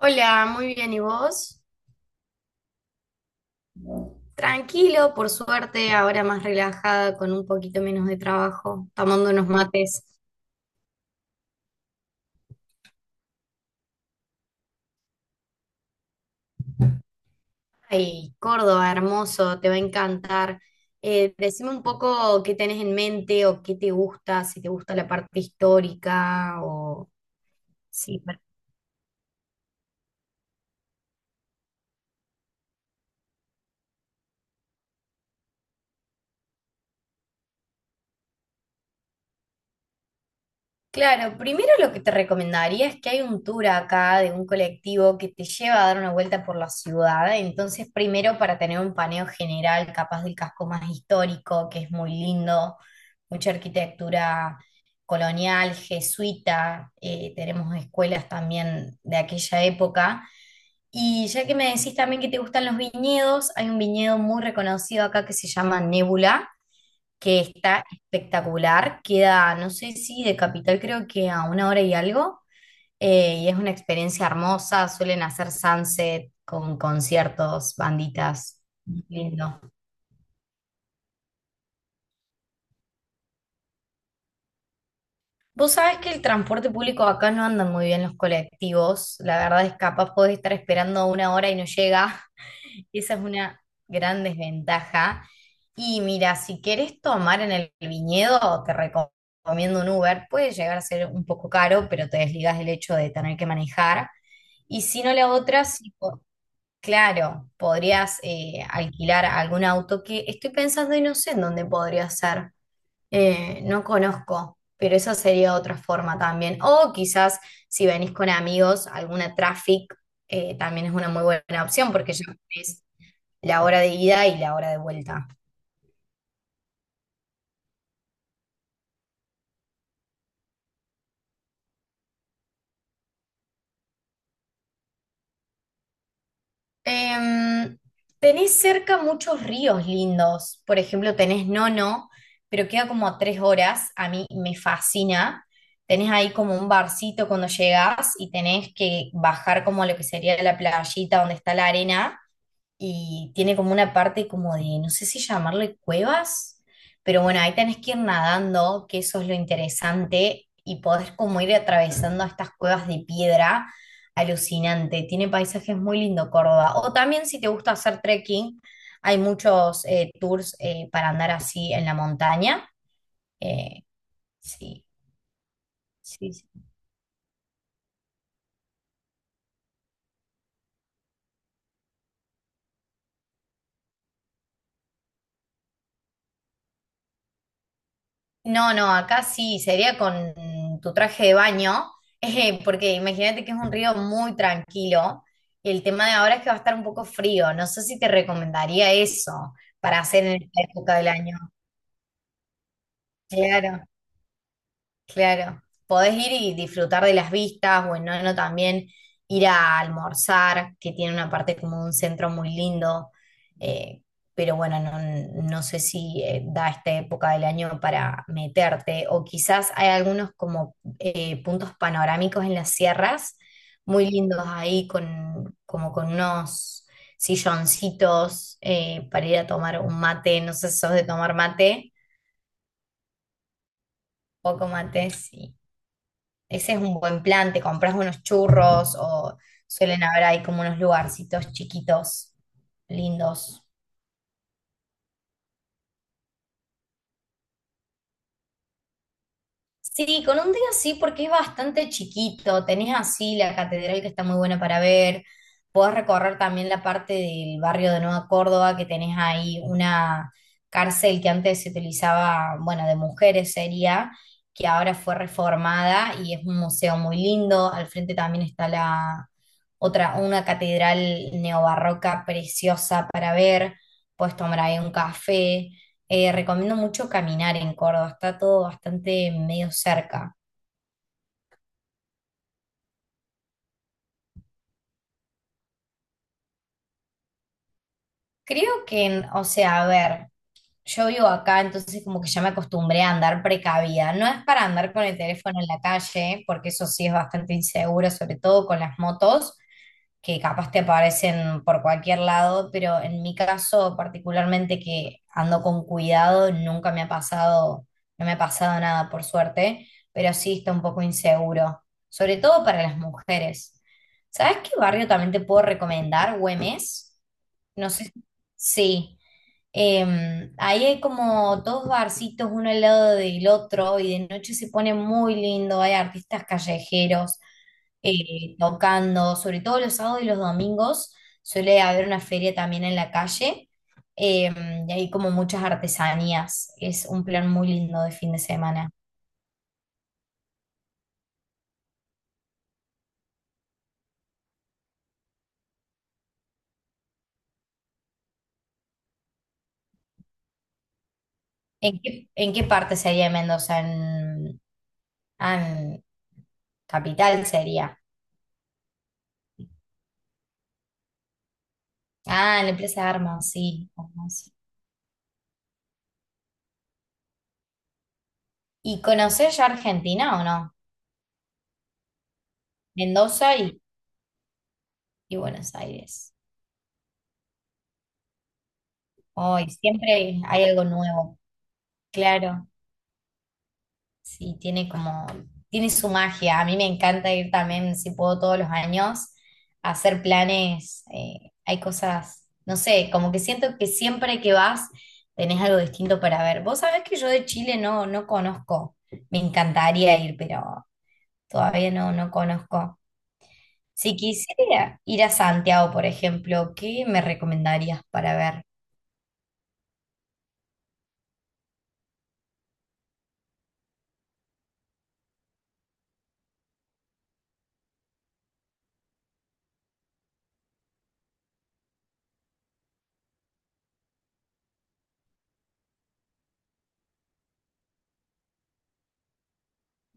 Hola, muy bien, ¿y vos? Tranquilo, por suerte, ahora más relajada, con un poquito menos de trabajo, tomando unos mates. Ay, Córdoba, hermoso, te va a encantar. Decime un poco qué tenés en mente o qué te gusta, si te gusta la parte histórica o sí. Claro, primero lo que te recomendaría es que hay un tour acá de un colectivo que te lleva a dar una vuelta por la ciudad. Entonces, primero para tener un paneo general, capaz del casco más histórico, que es muy lindo, mucha arquitectura colonial, jesuita, tenemos escuelas también de aquella época. Y ya que me decís también que te gustan los viñedos, hay un viñedo muy reconocido acá que se llama Nébula, que está espectacular. Queda, no sé, si de Capital, creo que a una hora y algo. Y es una experiencia hermosa. Suelen hacer sunset con conciertos, banditas. Lindo. Vos sabés que el transporte público acá no andan muy bien los colectivos. La verdad es capaz podés estar esperando una hora y no llega. Esa es una gran desventaja. Y mira, si querés tomar en el viñedo, recomiendo un Uber. Puede llegar a ser un poco caro, pero te desligas del hecho de tener que manejar. Y si no la otra, sí, claro, podrías alquilar algún auto, que estoy pensando y no sé en dónde podría ser. No conozco, pero eso sería otra forma también. O quizás si venís con amigos, alguna traffic también es una muy buena opción, porque ya es la hora de ida y la hora de vuelta. Em, Tenés cerca muchos ríos lindos. Por ejemplo, tenés Nono, pero queda como a tres horas. A mí me fascina. Tenés ahí como un barcito cuando llegás y tenés que bajar como a lo que sería la playita donde está la arena, y tiene como una parte como de, no sé si llamarle cuevas, pero bueno, ahí tenés que ir nadando, que eso es lo interesante, y podés como ir atravesando estas cuevas de piedra. Alucinante, tiene paisajes muy lindo Córdoba. O también si te gusta hacer trekking, hay muchos tours para andar así en la montaña. eh, sí, sí, sí. No, no, acá sí, sería con tu traje de baño, porque imagínate que es un río muy tranquilo, y el tema de ahora es que va a estar un poco frío. No sé si te recomendaría eso para hacer en esta época del año. Claro. Claro, podés ir y disfrutar de las vistas, bueno, no también ir a almorzar, que tiene una parte como un centro muy lindo, eh, pero bueno, no, no sé si da esta época del año para meterte. O quizás hay algunos como puntos panorámicos en las sierras, muy lindos ahí, con, como con unos silloncitos para ir a tomar un mate. No sé si sos de tomar mate, poco mate, sí. Ese es un buen plan, te compras unos churros, o suelen haber ahí como unos lugarcitos chiquitos, lindos. Sí, con un día sí, porque es bastante chiquito. Tenés así la catedral, que está muy buena para ver. Podés recorrer también la parte del barrio de Nueva Córdoba, que tenés ahí una cárcel que antes se utilizaba, bueno, de mujeres sería, que ahora fue reformada y es un museo muy lindo. Al frente también está la otra, una catedral neobarroca preciosa para ver. Podés tomar ahí un café. Recomiendo mucho caminar en Córdoba, está todo bastante medio cerca. Creo que, o sea, a ver, yo vivo acá, entonces como que ya me acostumbré a andar precavida. No es para andar con el teléfono en la calle, porque eso sí es bastante inseguro, sobre todo con las motos, que capaz te aparecen por cualquier lado, pero en mi caso particularmente que ando con cuidado, nunca me ha pasado, no me ha pasado nada por suerte, pero sí está un poco inseguro, sobre todo para las mujeres. ¿Sabes qué barrio también te puedo recomendar? Güemes. No sé. Sí. Ahí hay como dos barcitos uno al lado del otro, y de noche se pone muy lindo, hay artistas callejeros tocando, sobre todo los sábados y los domingos suele haber una feria también en la calle, y hay como muchas artesanías, es un plan muy lindo de fin de semana. En qué parte sería de Mendoza? En, ah, en Capital sería. Ah, en la Plaza de Armas, sí. ¿Y conocés ya Argentina o no? Mendoza y Buenos Aires. Hoy siempre hay algo nuevo. Claro, sí, tiene como, tiene su magia. A mí me encanta ir también, si puedo, todos los años a hacer planes. Hay cosas, no sé, como que siento que siempre que vas tenés algo distinto para ver. Vos sabés que yo de Chile no, no conozco. Me encantaría ir, pero todavía no, no conozco. Si quisiera ir a Santiago, por ejemplo, ¿qué me recomendarías para ver?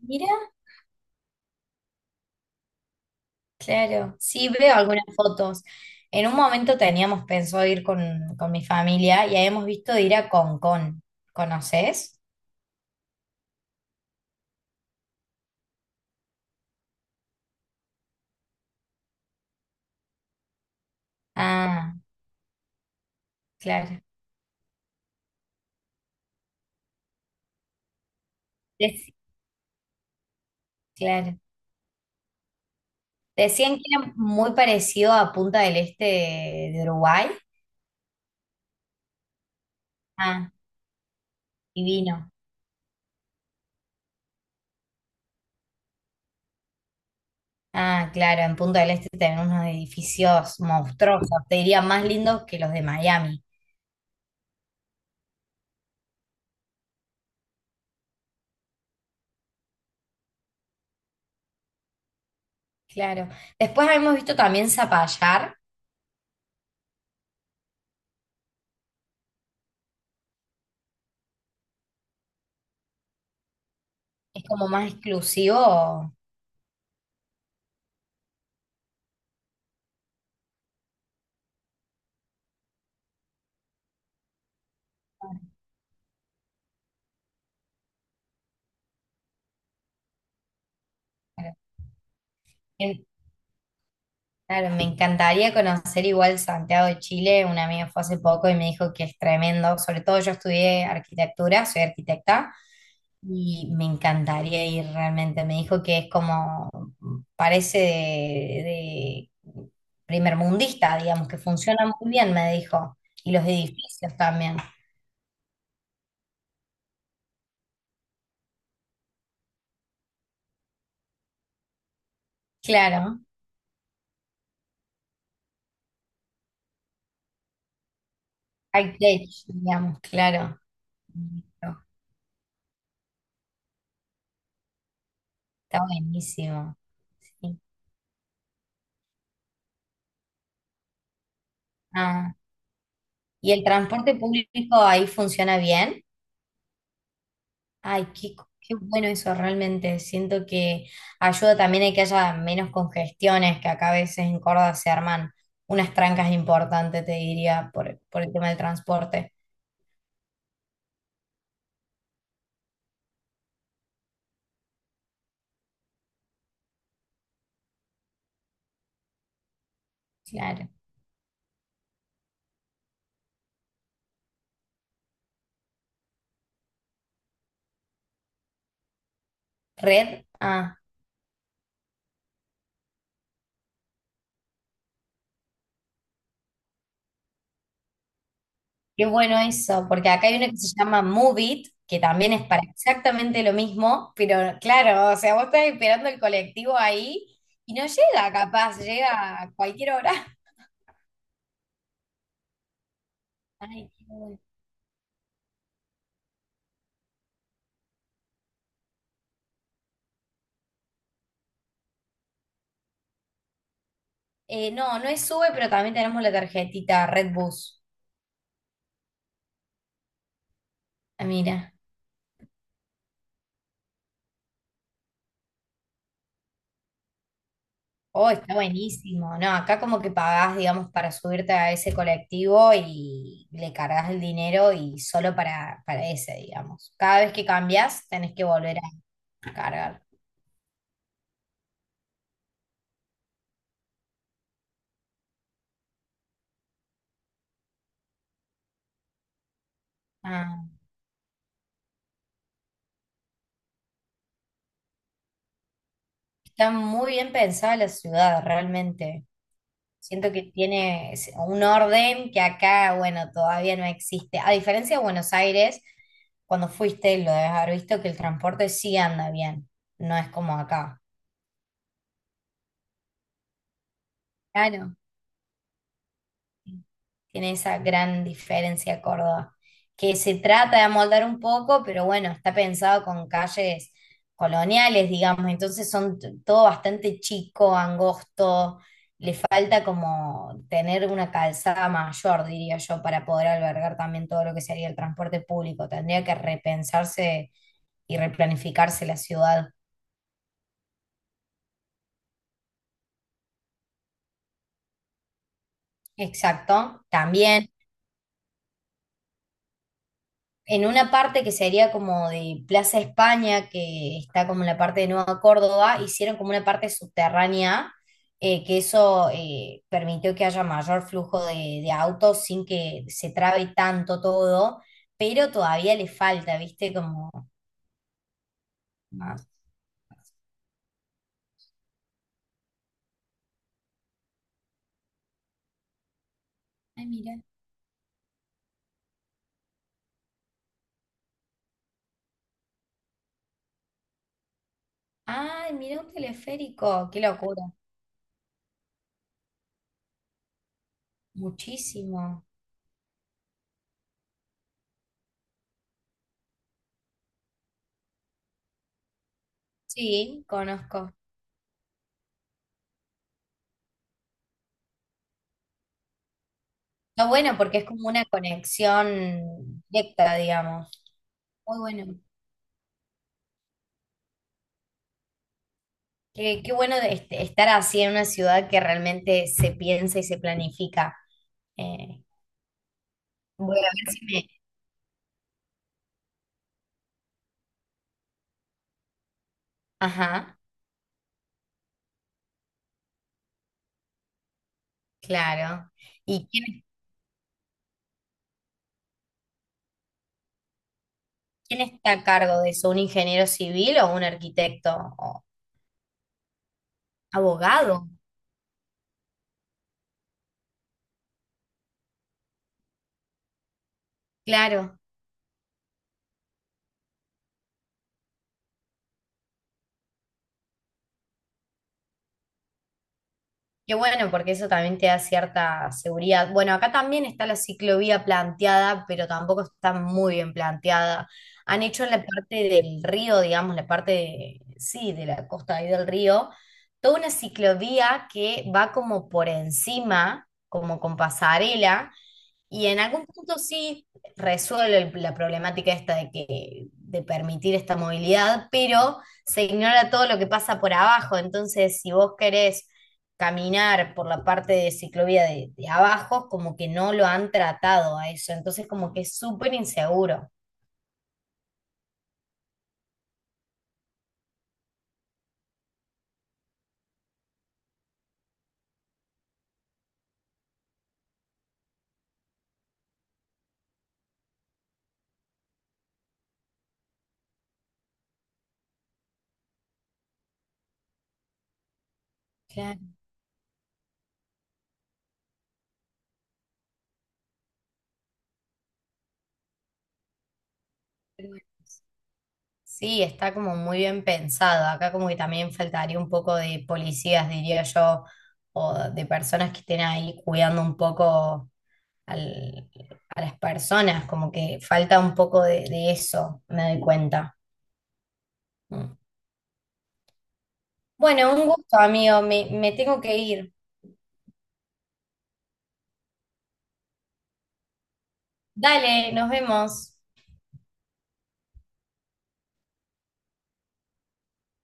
Mira, claro, sí veo algunas fotos. En un momento teníamos pensado ir con mi familia, y habíamos visto de ir a Concón. ¿Conoces? Ah, claro. Dec- claro. Decían que era muy parecido a Punta del Este de Uruguay. Ah, divino. Ah, claro, en Punta del Este tenemos unos edificios monstruosos, te diría más lindos que los de Miami. Claro. Después hemos visto también Zapallar, es como más exclusivo. Claro, En- claro, me encantaría conocer igual Santiago de Chile. Una amiga fue hace poco y me dijo que es tremendo. Sobre todo yo estudié arquitectura, soy arquitecta, y me encantaría ir realmente. Me dijo que es como, parece de primer mundista, digamos, que funciona muy bien, me dijo. Y los edificios también. Claro, high tech, digamos, claro. Listo. Está buenísimo. Sí. Ah, ¿y el transporte público ahí funciona bien? Ay, qué, qué bueno eso realmente. Siento que ayuda también a que haya menos congestiones, que acá a veces en Córdoba se arman unas trancas importantes, te diría, por el tema del transporte. Claro. ¿Red? Ah, qué bueno eso, porque acá hay una que se llama Move It, que también es para exactamente lo mismo, pero claro, o sea, vos estás esperando el colectivo ahí y no llega, capaz, llega a cualquier hora. Ay, qué bueno. No, no es Sube, pero también tenemos la tarjetita Redbus. Ah, mira. Oh, está buenísimo. No, acá como que pagás, digamos, para subirte a ese colectivo y le cargas el dinero y solo para ese, digamos. Cada vez que cambias, tenés que volver a cargar. Ah. Está muy bien pensada la ciudad, realmente. Siento que tiene un orden que acá, bueno, todavía no existe. A diferencia de Buenos Aires, cuando fuiste, lo debes haber visto que el transporte sí anda bien, no es como acá. Claro. Tiene esa gran diferencia Córdoba, que se trata de amoldar un poco, pero bueno, está pensado con calles coloniales, digamos, entonces son todo bastante chico, angosto, le falta como tener una calzada mayor, diría yo, para poder albergar también todo lo que sería el transporte público. Tendría que repensarse y replanificarse la ciudad. Exacto, también. En una parte que sería como de Plaza España, que está como en la parte de Nueva Córdoba, hicieron como una parte subterránea, que eso permitió que haya mayor flujo de autos sin que se trabe tanto todo, pero todavía le falta, ¿viste? Como... más. Ay, mira. Ay, mira un teleférico, qué locura. Muchísimo. Sí, conozco. Está bueno porque es como una conexión directa, digamos. Muy bueno. Qué, qué bueno de estar así en una ciudad que realmente se piensa y se planifica. Eh, Voy a ver si me... Ajá, claro. ¿Y quién, quién está a cargo de eso? ¿Un ingeniero civil o un arquitecto o abogado? Claro. Qué bueno, porque eso también te da cierta seguridad. Bueno, acá también está la ciclovía planteada, pero tampoco está muy bien planteada. Han hecho en la parte del río, digamos, la parte, sí, de la costa ahí del río, toda una ciclovía que va como por encima, como con pasarela, y en algún punto sí resuelve la problemática esta de que, de permitir esta movilidad, pero se ignora todo lo que pasa por abajo. Entonces, si vos querés caminar por la parte de ciclovía de abajo, como que no lo han tratado a eso. Entonces, como que es súper inseguro. Sí, está como muy bien pensado. Acá como que también faltaría un poco de policías, diría yo, o de personas que estén ahí cuidando un poco al- a las personas, como que falta un poco de eso, me doy cuenta. Mm. Bueno, un gusto, amigo, me tengo que ir. Dale, nos vemos.